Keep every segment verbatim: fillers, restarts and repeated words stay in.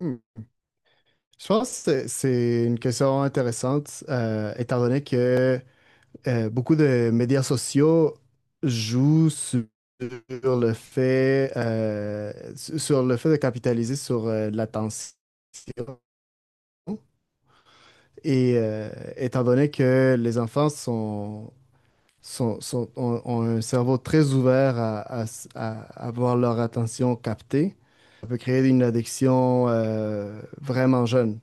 Hmm. Je pense que c'est c'est une question intéressante, euh, étant donné que euh, beaucoup de médias sociaux jouent sur le fait, euh, su- sur le fait de capitaliser sur euh, l'attention. Et euh, Étant donné que les enfants sont, sont, sont- ont, ont un cerveau très ouvert à, à s- à avoir leur attention captée, ça peut créer une addiction euh, vraiment jeune.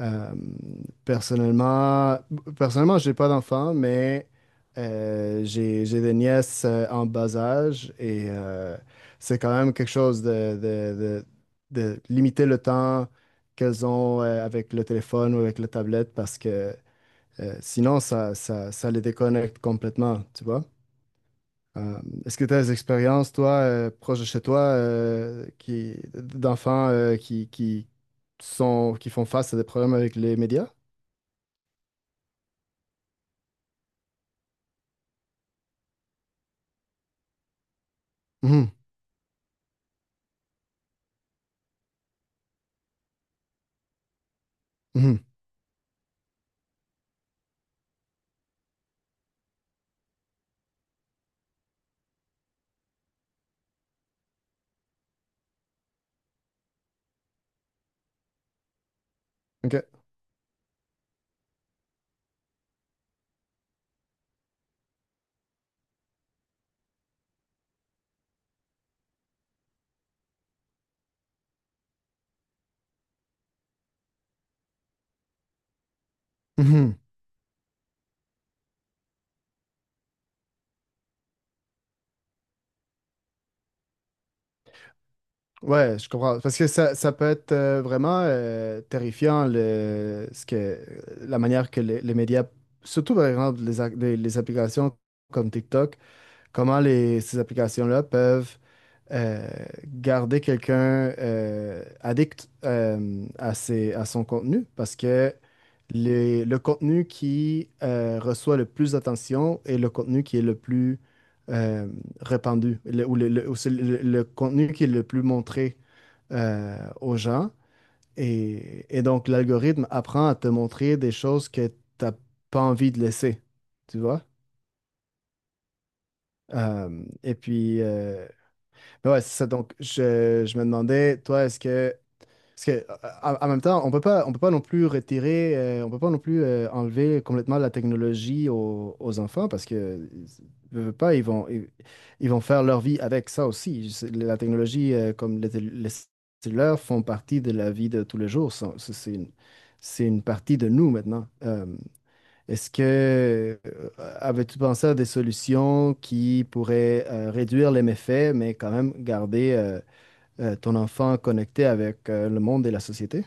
Euh, Personnellement, personnellement, j'ai pas d'enfants, mais euh, j'ai j'ai des nièces euh, en bas âge et euh, c'est quand même quelque chose de, de, de, de limiter le temps qu'elles ont euh, avec le téléphone ou avec la tablette parce que euh, sinon, ça, ça, ça les déconnecte complètement, tu vois. Euh, Est-ce que tu as des expériences, toi, euh, proches de chez toi, euh, qui, d'enfants euh, qui, qui sont, qui font face à des problèmes avec les médias? Mhm, mhm, ok. Mhm. Ouais, je comprends. Parce que ça, ça peut être euh, vraiment euh, terrifiant le, ce que, la manière que les, les médias, surtout par exemple les, a- les, les applications comme TikTok, comment les, ces applications-là peuvent euh, garder quelqu'un euh, addict euh, à ses- à son contenu parce que les- le contenu qui euh, reçoit le plus d'attention est le contenu qui est le plus euh, répandu le- ou, le, le- ou c'est le- le contenu qui est le plus montré euh, aux gens. Et, et donc, l'algorithme apprend à te montrer des choses que tu n'as pas envie de laisser, tu vois? Euh, et puis, euh, Ouais, c'est ça. Donc, je, je me demandais, toi, est-ce que, parce que, euh, en en même temps, on peut pas, on peut pas non plus retirer, euh, on peut pas non plus euh, enlever complètement la technologie aux, aux enfants parce que, ils- veux, veux pas, ils vont, ils, ils vont faire leur vie avec ça aussi. C'est- La technologie, euh, comme les, tél- les cellulaires, font partie de la vie de tous les jours. Ça, C'est c'est une, c'est une partie de nous maintenant. Euh, est-ce que euh, avais-tu pensé à des solutions qui pourraient euh, réduire les méfaits, mais quand même garder euh, euh, ton enfant connecté avec euh, le monde et la société?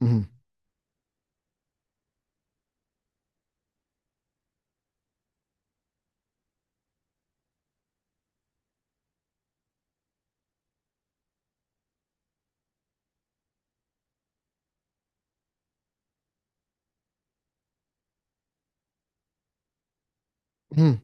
Mhm. Mhm.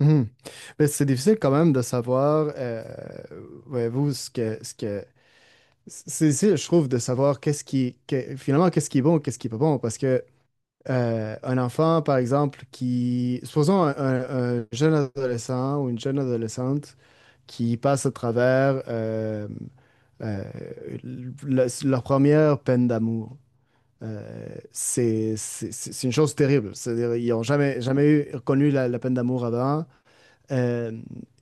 Mhm. Mais c'est difficile quand même de savoir, euh, voyez-vous, ce que, ce que, c'est difficile, je trouve, de savoir qu'est-ce qui, que- finalement, qu'est-ce qui est bon, qu'est-ce qui est pas bon, parce que euh, un enfant, par exemple, qui, supposons un, un- un jeune adolescent ou une jeune adolescente qui passent à travers euh, euh, le- leur première peine d'amour. Euh, c'est c'est- c'est- c'est une chose terrible. C'est-à-dire, ils n'ont jamais, jamais eu, connu la, la peine d'amour avant. Euh,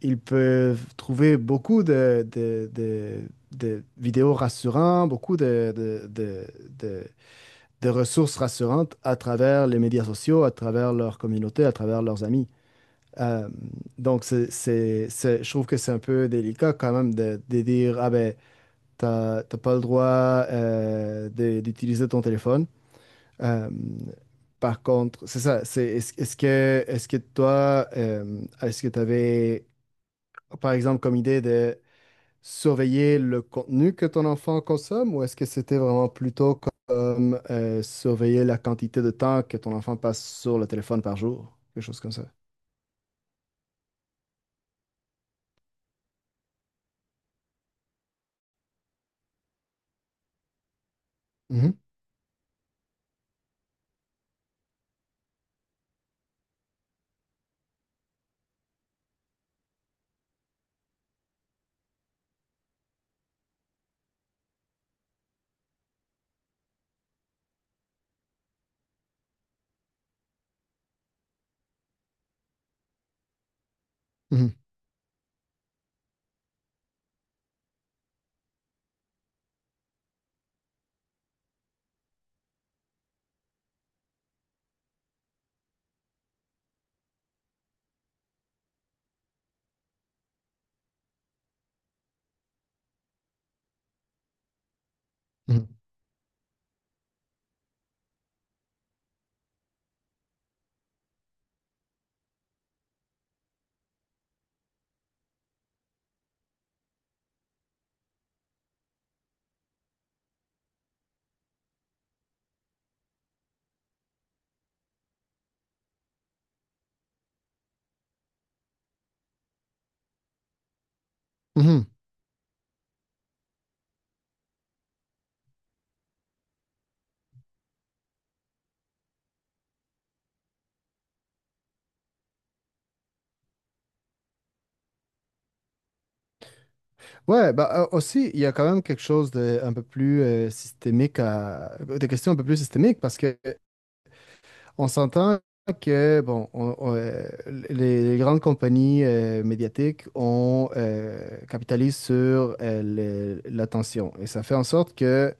Ils peuvent trouver beaucoup de, de, de- de vidéos rassurantes, beaucoup de, de, de- de- de ressources rassurantes à travers les médias sociaux, à travers leur communauté, à travers leurs amis. Euh, donc, c'est, c'est- c'est- je trouve que c'est un peu délicat quand même de, de dire, ah ben, t'as t'as pas le droit euh, de- d'utiliser ton téléphone. Euh, Par contre, c'est ça, c'est, est-ce, est-ce que, est-ce que toi, euh, est-ce que tu avais, par exemple, comme idée de surveiller le contenu que ton enfant consomme ou est-ce que c'était vraiment plutôt comme euh, surveiller la quantité de temps que ton enfant passe sur le téléphone par jour, quelque chose comme ça? Mhm, mhm, mhm, mhm. Ouais, bah euh, aussi, il y a quand même quelque chose de un peu plus euh, systémique à des questions un peu plus systémiques parce que on s'entend que bon, on- on, euh, les, les grandes compagnies euh, médiatiques on euh, capitalise sur euh, le- l'attention et ça fait en sorte que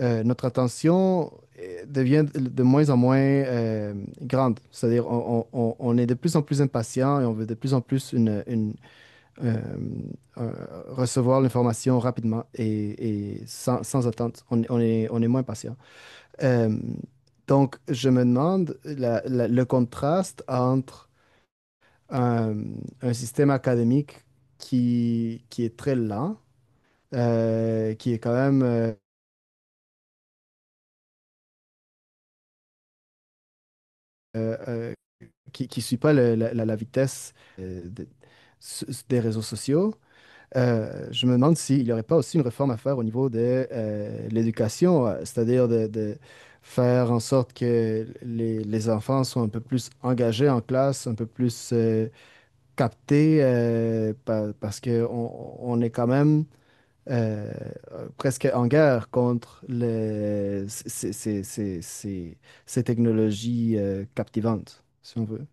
euh, notre attention euh, devient de de moins en moins euh, grande. C'est-à-dire on, on- on- on est de plus en plus impatient et on veut de plus en plus euh, euh, recevoir l'information rapidement et, et sans, sans attente. On, on est, on est moins patient. Euh, donc, je me demande la- la- le contraste entre un, un système académique qui, qui est très lent, euh, qui est quand même, euh, euh, euh, qui ne suit pas le- la, la- la vitesse euh, de- s- des réseaux sociaux. Euh, je me demande s'il n'y aurait pas aussi une réforme à faire au niveau de euh, l'éducation, euh, c'est-à-dire de, de faire en sorte que les, les enfants soient un peu plus engagés en classe, un peu plus euh, captés, euh, pa- parce qu'on on on est quand même euh, presque en guerre contre les- ces, ces- ces- ces- ces technologies euh, captivantes, si on veut.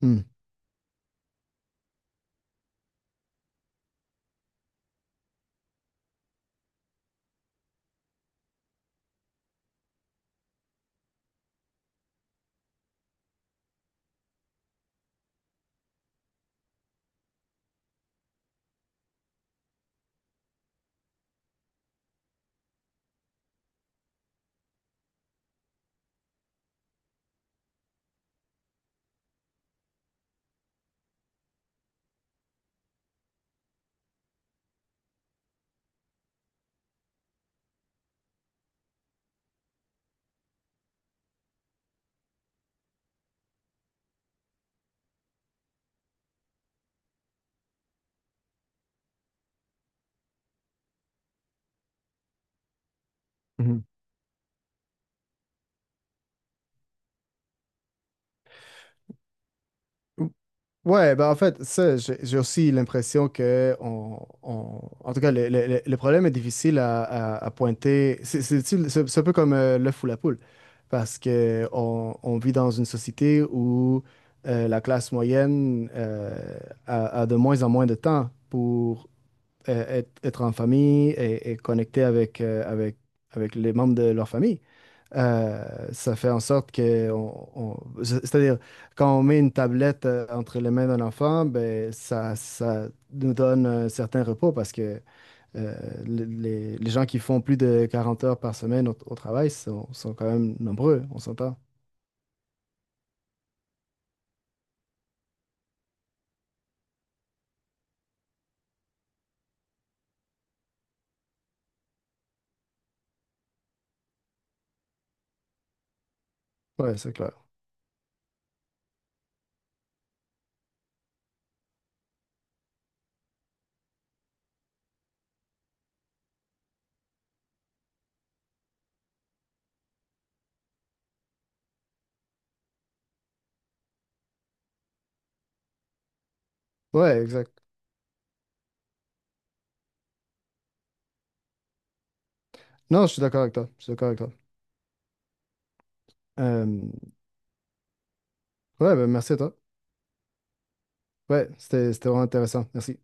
Hmm. Mhm. Ouais, ben en fait, ça, j'ai j'ai aussi l'impression que on, on- en tout cas, le, le- le- le problème est difficile à, à- à pointer. C'est c'est- c'est- c'est- c'est un peu comme euh, l'œuf ou la poule, parce que on, on vit dans une société où euh, la classe moyenne euh, a, a de moins en moins de temps pour euh, être, être en famille et, et connecter avec, euh, avec, avec les membres de leur famille. Euh, ça fait en sorte que, on, on- c'est- c'est-à-dire, quand on met une tablette euh, entre les mains d'un enfant, ben, ça, ça nous donne un certain repos parce que euh, les, les- les gens qui font plus de quarante heures par semaine au, au travail sont, sont quand même nombreux, on s'entend. Ouais, c'est clair. Ouais, exact. Non, je suis d'accord avec toi. Je suis d'accord avec toi. Euh, ouais, ben, merci à toi. Ouais, c'était c'était vraiment intéressant. Merci.